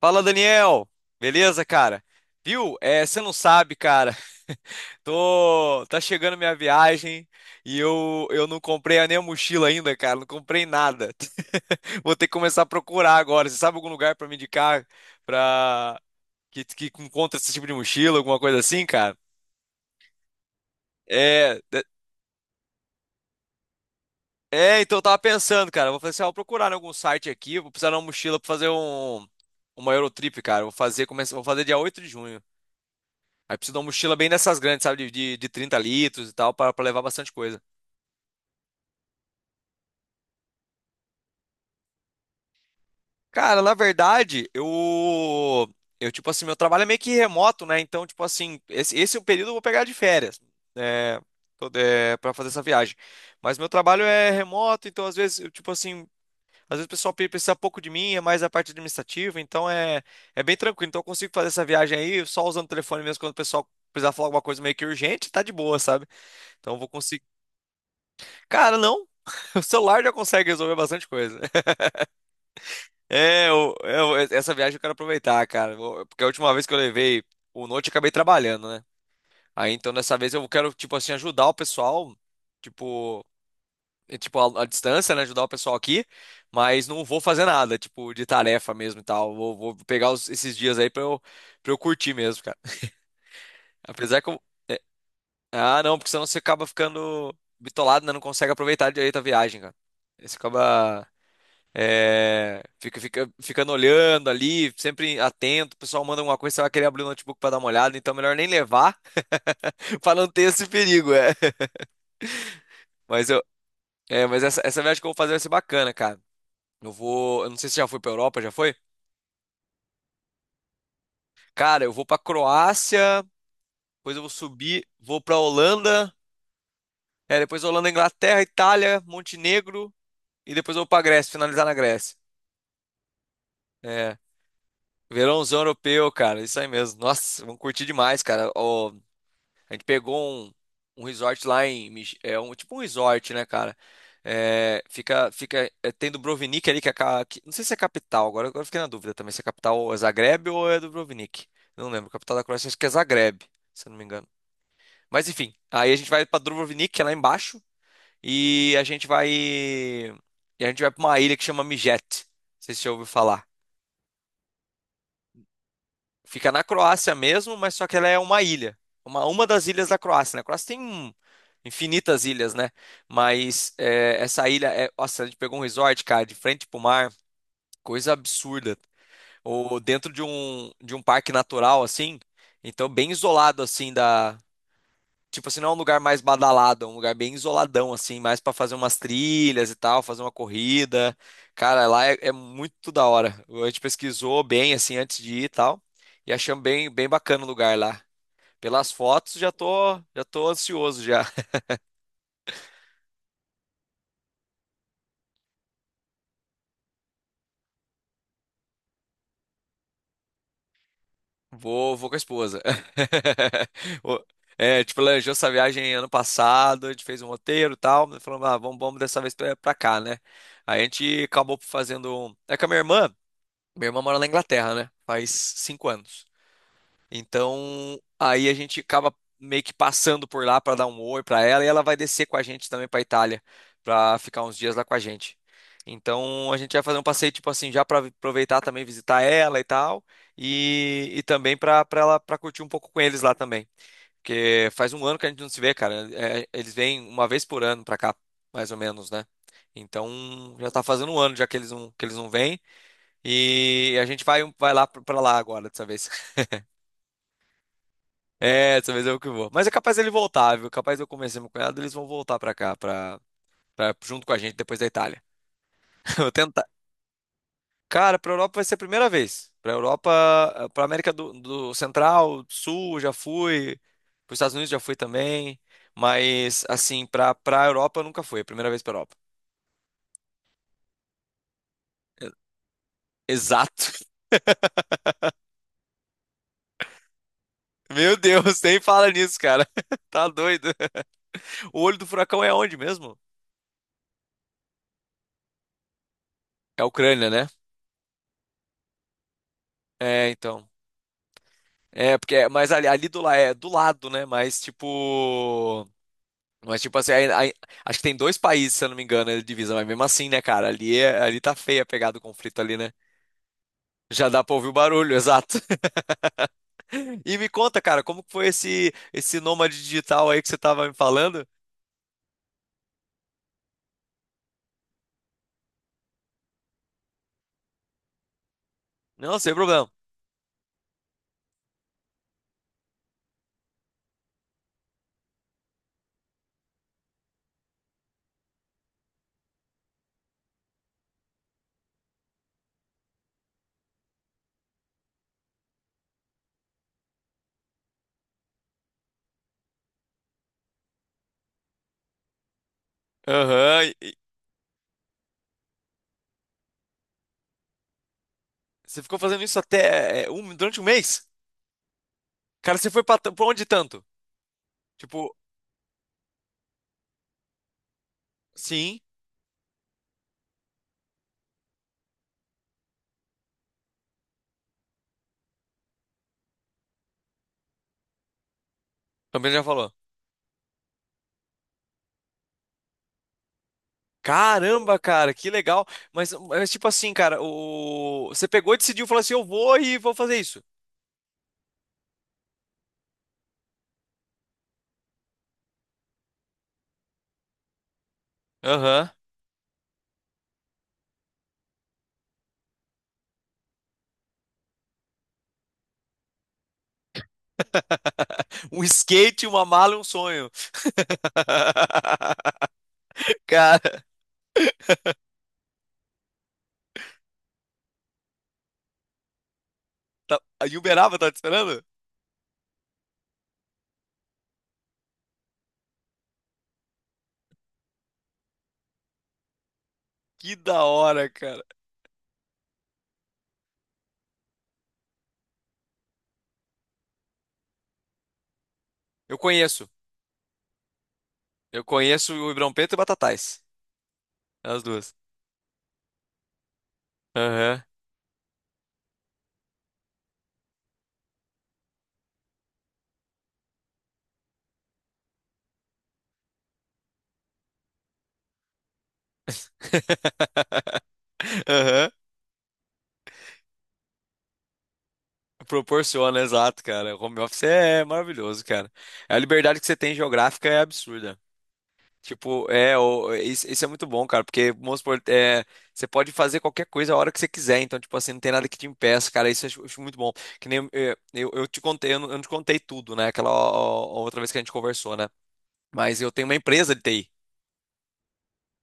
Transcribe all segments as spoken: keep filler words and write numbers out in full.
Fala, Daniel. Beleza, cara? Viu? É, você não sabe, cara. Tô, tá chegando minha viagem e eu, eu não comprei nem a mochila ainda, cara. Não comprei nada. Vou ter que começar a procurar agora. Você sabe algum lugar pra me indicar pra que, que encontra esse tipo de mochila, alguma coisa assim, cara? É, de- é, então eu tava pensando, cara. Eu vou fazer assim, ah, vou procurar em algum site aqui. Vou precisar de uma mochila pra fazer um uma Eurotrip, cara. Eu vou fazer, começa, vou fazer dia oito de junho. Aí preciso de uma mochila bem dessas grandes, sabe? De, de, de trinta litros e tal, para pra levar bastante coisa. Cara, na verdade, eu. Eu, tipo assim, meu trabalho é meio que remoto, né? Então, tipo assim, esse, esse é o período que eu vou pegar de férias. É, tô- é, pra fazer essa viagem. Mas meu trabalho é remoto, então às vezes, eu, tipo assim, às vezes o pessoal pe- precisa pouco de mim, é mais a parte administrativa, então é, é bem tranquilo. Então eu consigo fazer essa viagem aí só usando o telefone mesmo quando o pessoal precisar falar alguma coisa meio que urgente, tá de boa, sabe? Então eu vou conseguir. Cara, não. O celular já consegue resolver bastante coisa. É, o- é, o- essa viagem eu quero aproveitar, cara. Vou- Porque a última vez que eu levei o Note, eu acabei trabalhando, né? Aí então dessa vez eu quero, tipo assim, ajudar o pessoal, tipo, é, tipo a, a distância, né? Ajudar o pessoal aqui, mas não vou fazer nada, tipo, de tarefa mesmo e tal. Vou, vou pegar os- esses dias aí pra eu, pra eu curtir mesmo, cara. Apesar que eu. Ah, não, porque senão você acaba ficando bitolado, né? Não consegue aproveitar direito a viagem, cara. Você acaba. É, fica, fica, ficando olhando ali, sempre atento. O pessoal manda alguma coisa, você vai querer abrir o notebook para dar uma olhada, então é melhor nem levar para não ter esse perigo, é. Mas eu, é, mas essa, essa viagem que eu vou fazer vai ser bacana, cara. Eu vou, eu não sei se já foi para Europa, já foi? Cara, eu vou para Croácia, depois eu vou subir, vou para Holanda, é, depois Holanda, Inglaterra, Itália, Montenegro e depois eu vou para Grécia, finalizar na Grécia. É. Verãozão europeu, cara, isso aí mesmo. Nossa, vamos curtir demais, cara. Ó, A gente pegou um, um resort lá em. Mich- É um, tipo um resort, né, cara? É, fica, fica, é, tem Dubrovnik ali, que é. Ca- que- não sei se é capital, agora, agora eu fiquei na dúvida também se é capital é Zagreb ou é Dubrovnik. Não lembro, capital da Croácia acho que é Zagreb, se eu não me engano. Mas enfim, aí a gente vai pra Dubrovnik, que é lá embaixo, e a gente vai. E a gente vai pra uma ilha que chama Mijet. Não sei se você já ouviu falar. Fica na Croácia mesmo, mas só que ela é uma ilha. Uma, uma das ilhas da Croácia, né? A Croácia tem hum, infinitas ilhas, né? Mas é, essa ilha é. Nossa, a gente pegou um resort, cara, de frente pro mar, coisa absurda. Ou dentro de um, de um parque natural, assim. Então, bem isolado, assim, da, tipo assim, não é um lugar mais badalado, é um lugar bem isoladão, assim, mais pra fazer umas trilhas e tal, fazer uma corrida. Cara, lá é, é muito da hora. A gente pesquisou bem, assim, antes de ir e tal. E achamos bem, bem bacana o lugar lá. Pelas fotos, já tô, já tô ansioso já. Vou, vou com a esposa. O- É, tipo, planejou essa viagem ano passado, a gente fez um roteiro e tal, falando, ah, vamos, vamos dessa vez pra, pra cá, né? Aí a gente acabou fazendo. Um- É com a minha irmã. Minha irmã mora na Inglaterra, né? Faz cinco anos. Então, aí a gente acaba meio que passando por lá para dar um oi para ela e ela vai descer com a gente também para Itália, para ficar uns dias lá com a gente. Então, a gente vai fazer um passeio tipo assim, já para aproveitar também visitar ela e tal, e, e também para para ela para curtir um pouco com eles lá também, porque faz um ano que a gente não se vê, cara. É, eles vêm uma vez por ano para cá, mais ou menos, né? Então, já tá fazendo um ano já que eles não que eles não vêm. E a gente vai, um, vai lá pra pra lá agora, dessa vez. É, dessa vez eu que vou. Mas é capaz ele voltar, viu? Capaz eu convencer meu cunhado, eles vão voltar pra cá, pra, pra- junto com a gente depois da Itália. Eu vou tentar. Cara, pra Europa vai ser a primeira vez. Pra Europa, eh, pra América do, do Central, Sul, eu já fui. Pros Estados Unidos já fui também. Mas, assim, pra, pra Europa eu nunca fui. É a primeira vez pra Europa. E- Exato. Meu Deus, nem fala nisso, cara. Tá doido. O olho do furacão é onde mesmo? É a Ucrânia, né? É, então. É, porque é- mas ali, ali do, la- é do lado, né? Mas tipo. Mas tipo assim, aí- aí- acho que tem dois países, se eu não me engano, de divisa, mas mesmo assim, né, cara? Ali, é- ali tá feia a pegada do conflito ali, né? Já dá pra ouvir o barulho, exato. E me conta, cara, como que foi esse, esse nômade digital aí que você tava me falando? Não, sem problema. Aham. e- e você ficou fazendo isso até é, um, durante um mês? Cara, você foi pra, t- pra onde tanto? Tipo, sim. Também já falou. Caramba, cara, que legal. Mas, mas tipo assim, cara, o... você pegou e decidiu, falou assim, eu vou e vou fazer isso. Aham. Um skate, uma mala e um sonho. Cara, tá... a Uberaba tá te esperando? Que da hora, cara. Eu conheço. Eu conheço o Ribeirão Preto e Batatais. As duas. Aham. Aham. Proporciona, exato, cara. O home office é maravilhoso, cara. A liberdade que você tem geográfica é absurda. Tipo, é, o- isso, isso é muito bom, cara, porque, vamos supor, é, você pode fazer qualquer coisa a hora que você quiser, então, tipo assim, não tem nada que te impeça, cara, isso eu acho, acho muito bom. Que nem, é, eu, eu te contei, eu não, eu não te contei tudo, né, aquela ó, ó, outra vez que a gente conversou, né, mas eu tenho uma empresa de T I.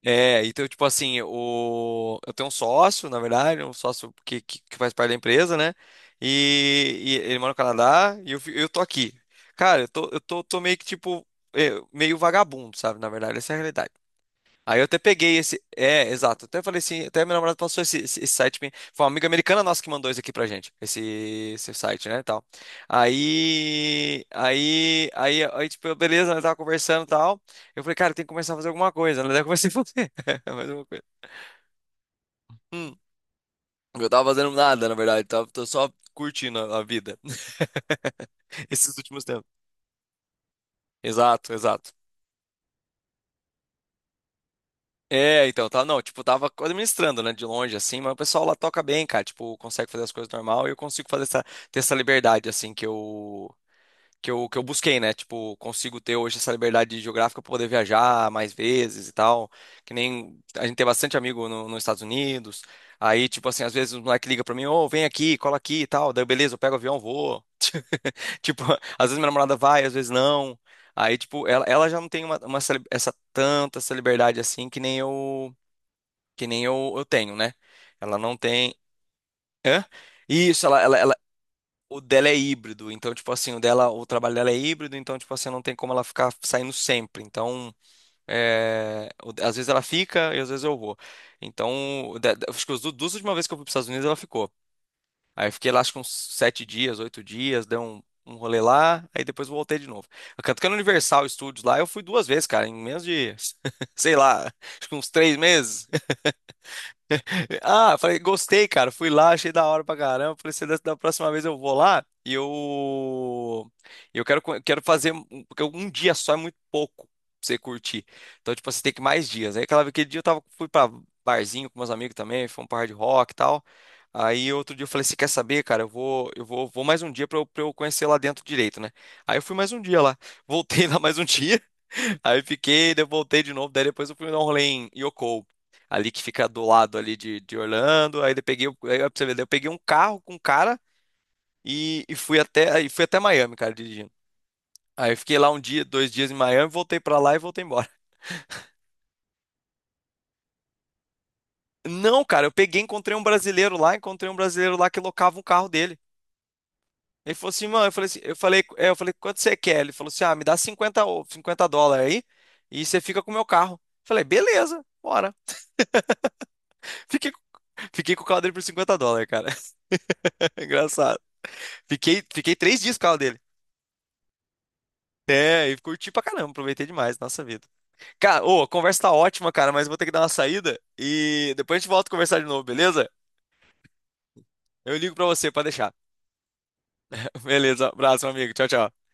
É, então, tipo assim, o, eu tenho um sócio, na verdade, um sócio que, que, que faz parte da empresa, né, e, e ele mora no Canadá, e eu, fi- eu tô aqui. Cara, eu tô, eu tô, tô meio que, tipo, é, meio vagabundo, sabe, na verdade, essa é a realidade. Aí eu até peguei esse. É, exato. Até falei assim, até minha namorada passou esse, esse- esse site. Pra mim. Foi uma amiga americana nossa que mandou isso aqui pra gente. Esse, esse site, né? E tal. Aí. Aí. Aí, aí, tipo, eu, beleza, ela tava conversando e tal. Eu falei, cara, tem que começar a fazer alguma coisa. Ela daí comecei a fazer. Mais uma coisa. Hum. Eu tava fazendo nada, na verdade. Tava, tô só curtindo a a vida. Esses últimos tempos. Exato, exato. É, então, tá, não, tipo, tava administrando, né, de longe, assim, mas o pessoal lá toca bem, cara, tipo, consegue fazer as coisas normal e eu consigo fazer essa, ter essa liberdade, assim, que eu, que eu, que eu busquei, né, tipo, consigo ter hoje essa liberdade geográfica pra poder viajar mais vezes e tal, que nem, a gente tem bastante amigo no- nos Estados Unidos, aí, tipo, assim, às vezes o moleque liga pra mim, ô, vem aqui, cola aqui e tal, daí, beleza, eu pego o avião, vou, tipo, às vezes minha namorada vai, às vezes não, aí, tipo, ela, ela já não tem uma, uma essa, essa tanta, essa liberdade, assim, que nem eu que nem eu, eu tenho, né? Ela não tem. Hã? Isso, ela, ela, ela- o dela é híbrido, então, tipo assim, o dela, o trabalho dela é híbrido, então, tipo assim, não tem como ela ficar saindo sempre. Então, é, o- às vezes ela fica e às vezes eu vou. Então, o da- da- acho que as du- duas últimas vezes que eu fui para os Estados Unidos, ela ficou. Aí eu fiquei lá, acho que uns sete dias, oito dias, dei um, um rolê lá, aí depois voltei de novo. Tanto que no Universal Studios lá, eu fui duas vezes, cara, em menos de, sei lá, acho que uns três meses. Ah, falei, gostei, cara. Fui lá, achei da hora pra caramba. Falei, se da, da próxima vez eu vou lá e eu. Eu quero, co- quero fazer. um- Porque um dia só é muito pouco pra você curtir. Então, tipo, você tem que ir mais dias. Aí, aquela, aquele dia eu tava, fui pra barzinho com meus amigos também, foi um par de rock e tal. Aí, outro dia eu falei, você quer saber, cara? Eu vou, eu vou, vou mais um dia pra eu, pra eu conhecer lá dentro direito, né? Aí eu fui mais um dia lá. Voltei lá mais um dia. Aí fiquei, daí eu voltei de novo. Daí depois eu fui dar um rolê em Yoko ali que fica do lado ali de, de Orlando. Aí eu peguei, o- aí, ó, pra você ver, daí eu peguei um carro com um cara e, e fui até, e fui até Miami, cara, dirigindo. Aí eu fiquei lá um dia, dois dias em Miami, voltei pra lá e voltei embora. Não, cara, eu peguei, encontrei um brasileiro lá, encontrei um brasileiro lá que locava um carro dele. Ele falou assim, mano, eu falei assim, eu falei, é, eu falei, quanto você quer? Ele falou assim, ah, me dá cinquenta ou cinquenta dólares aí e você fica com o meu carro. Falei, beleza, bora. Fiquei, fiquei com o carro dele por cinquenta dólares, cara. Engraçado. Fiquei, fiquei três dias com o carro dele. É, e curti pra caramba, aproveitei demais, nossa vida. Cara, ô, a conversa tá ótima, cara, mas eu vou ter que dar uma saída e depois a gente volta a conversar de novo, beleza? Eu ligo pra você pra deixar. Beleza, abraço, meu amigo. Tchau, tchau.